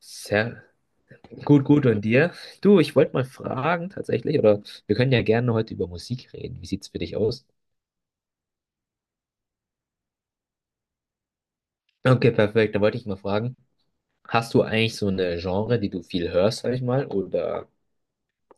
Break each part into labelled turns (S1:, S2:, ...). S1: Sehr gut, gut. Und dir? Du, ich wollte mal fragen tatsächlich, oder wir können ja gerne heute über Musik reden. Wie sieht's für dich aus? Okay, perfekt. Da wollte ich mal fragen, hast du eigentlich so eine Genre, die du viel hörst, sag ich mal, oder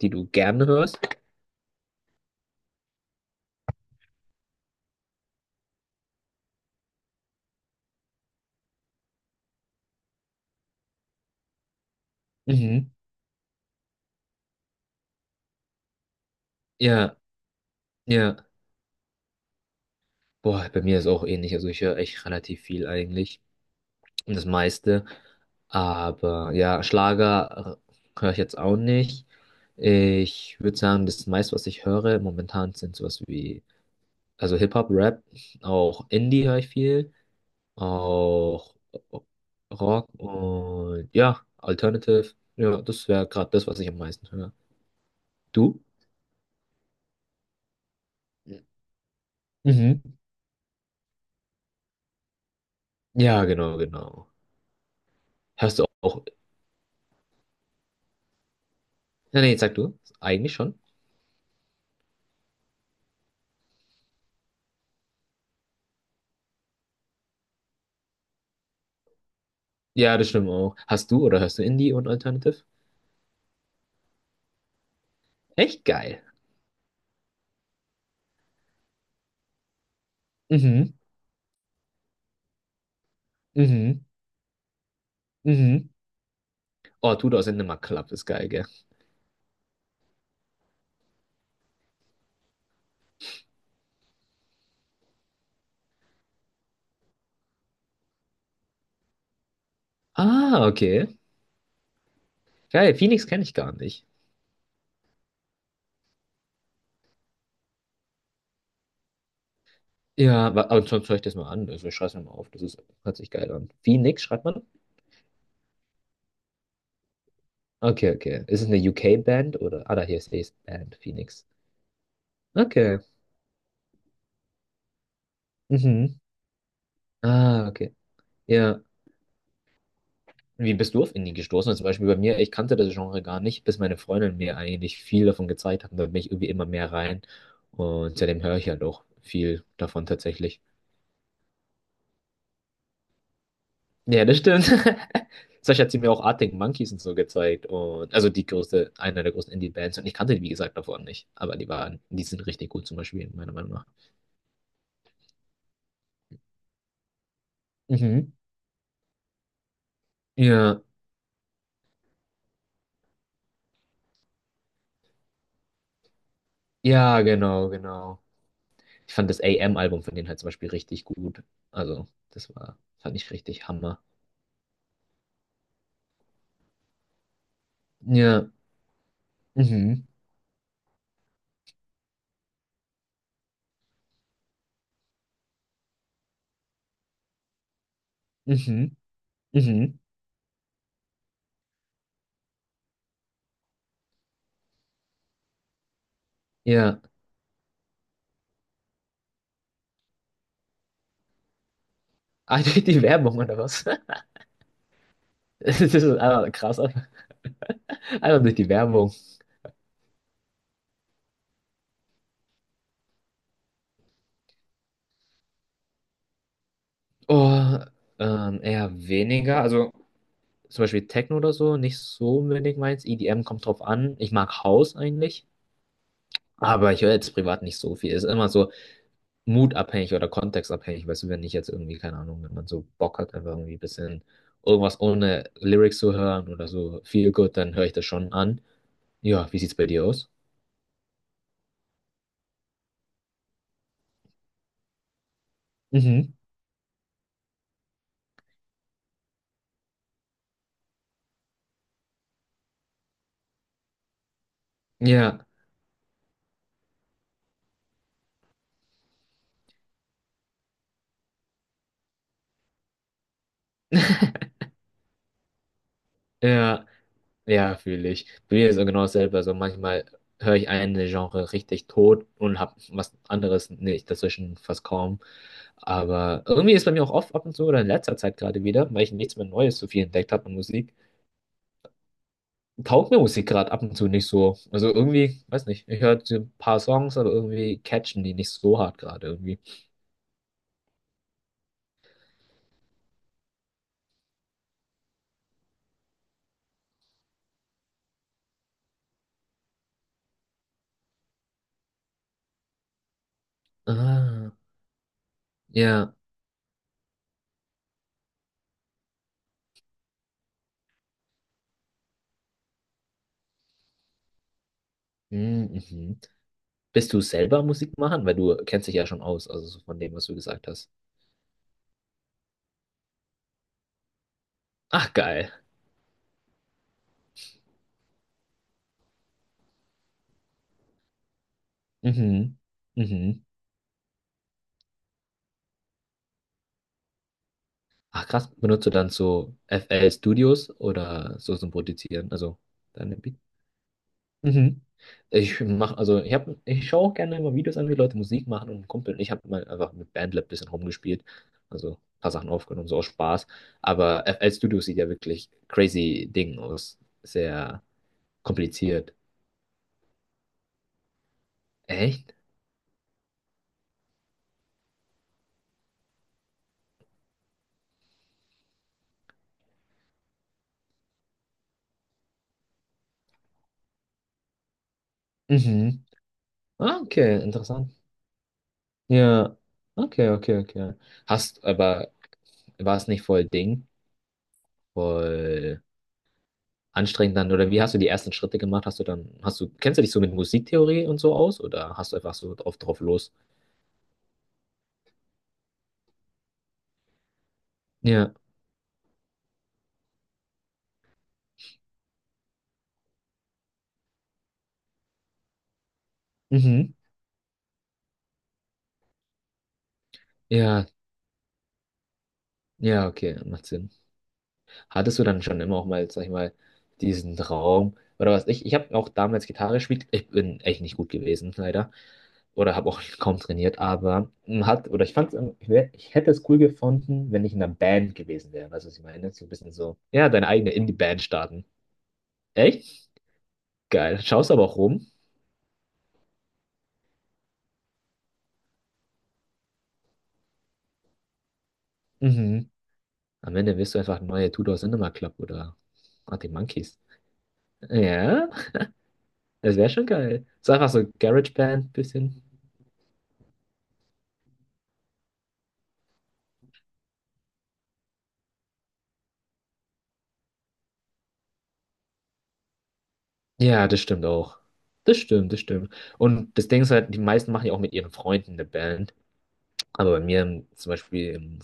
S1: die du gerne hörst? Mhm. Ja, ja. Boah, bei mir ist auch ähnlich. Also ich höre echt relativ viel eigentlich. Und das meiste. Aber ja, Schlager höre ich jetzt auch nicht. Ich würde sagen, das meiste, was ich höre momentan, sind sowas wie also Hip-Hop, Rap, auch Indie höre ich viel, auch Rock und ja, Alternative. Ja, das wäre gerade das, was ich am meisten höre. Du? Ja. Mhm. Ja, genau, genau. Hörst du auch? Nee, nee, sag du. Eigentlich schon. Ja, das stimmt auch. Hast du oder hörst du Indie und Alternative? Echt geil. Mhm. Mhm. Mhm. Oh, Tudor sind immer Club, ist geil, gell? Ah, okay. Geil, Phoenix kenne ich gar nicht. Ja, aber sonst höre ich das mal an. Also ich schreibe es mir mal auf. Das ist, hört sich geil an. Phoenix schreibt man? Okay, okay. Ist es eine UK-Band oder? Ah, da hier ist es Band, Phoenix. Okay. Mhm. Ah, okay. Ja. Wie bist du auf Indie gestoßen? Also zum Beispiel bei mir, ich kannte das Genre gar nicht, bis meine Freundin mir eigentlich viel davon gezeigt hat. Und da bin ich irgendwie immer mehr rein. Und seitdem höre ich halt auch viel davon tatsächlich. Ja, das stimmt. Sascha hat sie mir auch Arctic Monkeys und so gezeigt. Und, also die größte, eine der größten Indie-Bands. Und ich kannte die, wie gesagt, davon nicht. Aber die waren, die sind richtig gut zum Beispielen, meiner Meinung nach. Mhm. Ja. Ja, genau, genau. Ich fand das AM-Album von denen halt zum Beispiel richtig gut. Also, das war, fand ich richtig Hammer. Ja. Mhm. Mhm. Mhm. Ja. Ah, durch die Werbung oder was? Das ist einfach krass. Einfach durch die Werbung. Oh, eher weniger. Also zum Beispiel Techno oder so nicht so unbedingt meins. EDM kommt drauf an. Ich mag House eigentlich, aber ich höre jetzt privat nicht so viel. Ist immer so mutabhängig oder kontextabhängig. Weißt du, wenn ich jetzt irgendwie, keine Ahnung, wenn man so Bock hat, einfach irgendwie ein bisschen irgendwas ohne Lyrics zu hören oder so viel gut, dann höre ich das schon an. Ja, wie sieht's bei dir aus? Mhm. Ja. Ja, ja, fühle ich. Bei mir ist es genau dasselbe. Also manchmal höre ich eine Genre richtig tot und habe was anderes nicht dazwischen fast kaum. Aber irgendwie ist bei mir auch oft ab und zu oder in letzter Zeit gerade wieder, weil ich nichts mehr Neues so viel entdeckt habe an Musik, taugt mir Musik gerade ab und zu nicht so. Also irgendwie, weiß nicht, ich höre so ein paar Songs, aber irgendwie catchen die nicht so hart gerade irgendwie. Ah, ja. Mhm. Mhm. Bist du selber Musik machen? Weil du kennst dich ja schon aus, also so von dem, was du gesagt hast. Ach, geil. Mhm. Mhm. Ach, krass. Benutzt du dann so FL Studios oder so zum Produzieren? Also deine Beats? Mhm. Ich mache, also ich habe, ich schaue auch gerne immer Videos an, wie Leute Musik machen und ein Kumpel ich habe mal einfach mit BandLab ein bisschen rumgespielt, also ein paar Sachen aufgenommen, so aus Spaß. Aber F L Studio sieht ja wirklich crazy Ding aus, sehr kompliziert. Echt? Mhm. Ah, okay, interessant. Ja, okay, okay, okay. Aber war es nicht voll anstrengend dann, oder wie hast du die ersten Schritte gemacht? Hast du dann, hast du, kennst du dich so mit Musiktheorie und so aus oder hast du einfach so drauf los? Ja, mhm. Ja, ja, okay, macht Sinn. Hattest du dann schon immer auch mal, sag ich mal, diesen Traum oder was? Ich habe auch damals Gitarre gespielt. Ich bin echt nicht gut gewesen, leider. Oder habe auch kaum trainiert, aber man hat, oder ich fand's, ich hätte es cool gefunden, wenn ich in einer Band gewesen wäre. Weißt du, was ich meine? So ein bisschen so, ja, deine eigene Indie-Band starten. Echt? Geil. Schaust aber auch rum. Mhm. Am Ende wirst du einfach neue Tudor Cinema Club oder ah, die Monkeys. Ja, das wäre schon geil. So einfach so GarageBand bisschen. Ja, das stimmt auch. Das stimmt, das stimmt. Und das Ding ist halt, die meisten machen ja auch mit ihren Freunden eine Band. Aber bei mir im, zum Beispiel im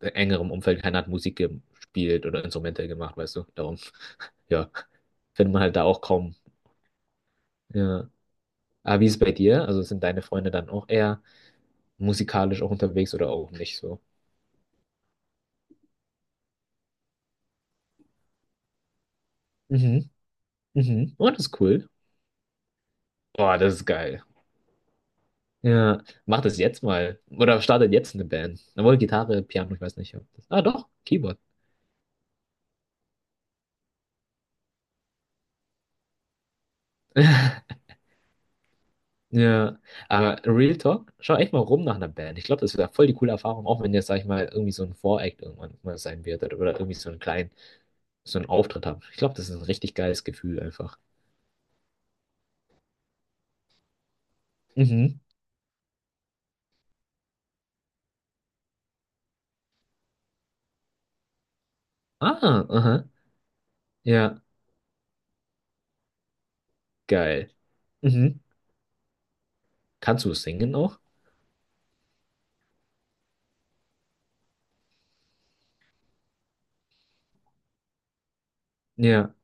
S1: engeren Umfeld, keiner hat Musik gespielt oder Instrumente gemacht, weißt du. Darum, ja, findet man halt da auch kaum. Ja. Aber wie ist es bei dir? Also sind deine Freunde dann auch eher musikalisch auch unterwegs oder auch nicht so? Mhm, mhm. Oh, das ist cool. Boah, das ist geil. Ja, mach das jetzt mal. Oder startet jetzt eine Band. Obwohl Gitarre, Piano, ich weiß nicht. Ob das, ah, doch, Keyboard. Ja, aber Real Talk, schau echt mal rum nach einer Band. Ich glaube, das wäre voll die coole Erfahrung, auch wenn jetzt, sag ich mal, irgendwie so ein Voreact irgendwann mal sein wird oder irgendwie so einen Auftritt haben. Ich glaube, das ist ein richtig geiles Gefühl einfach. Mhm. Ah, aha. Ja, geil. Mhm. Kannst du singen auch? Ja.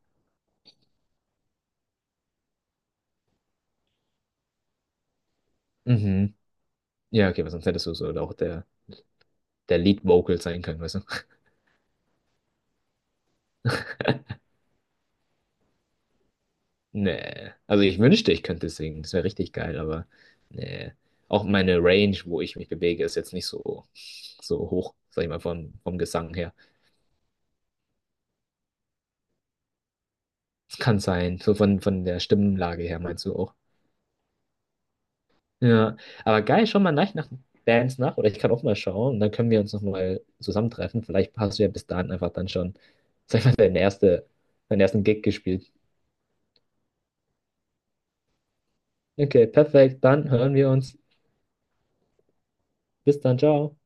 S1: Mhm. Ja, okay, weil sonst hättest du so auch der Lead Vocal sein können, weißt du? Nee. Also ich wünschte, ich könnte singen. Das wäre richtig geil, aber nee. Auch meine Range, wo ich mich bewege, ist jetzt nicht so, so hoch, sag ich mal, vom Gesang her. Es kann sein. So von der Stimmlage her meinst du auch. Ja. Aber geil, schau mal nach, nach Bands nach. Oder ich kann auch mal schauen. Und dann können wir uns nochmal zusammentreffen. Vielleicht hast du ja bis dahin einfach dann schon, sag ich mal, deinen ersten Gig gespielt. Okay, perfekt. Dann hören wir uns. Bis dann, ciao.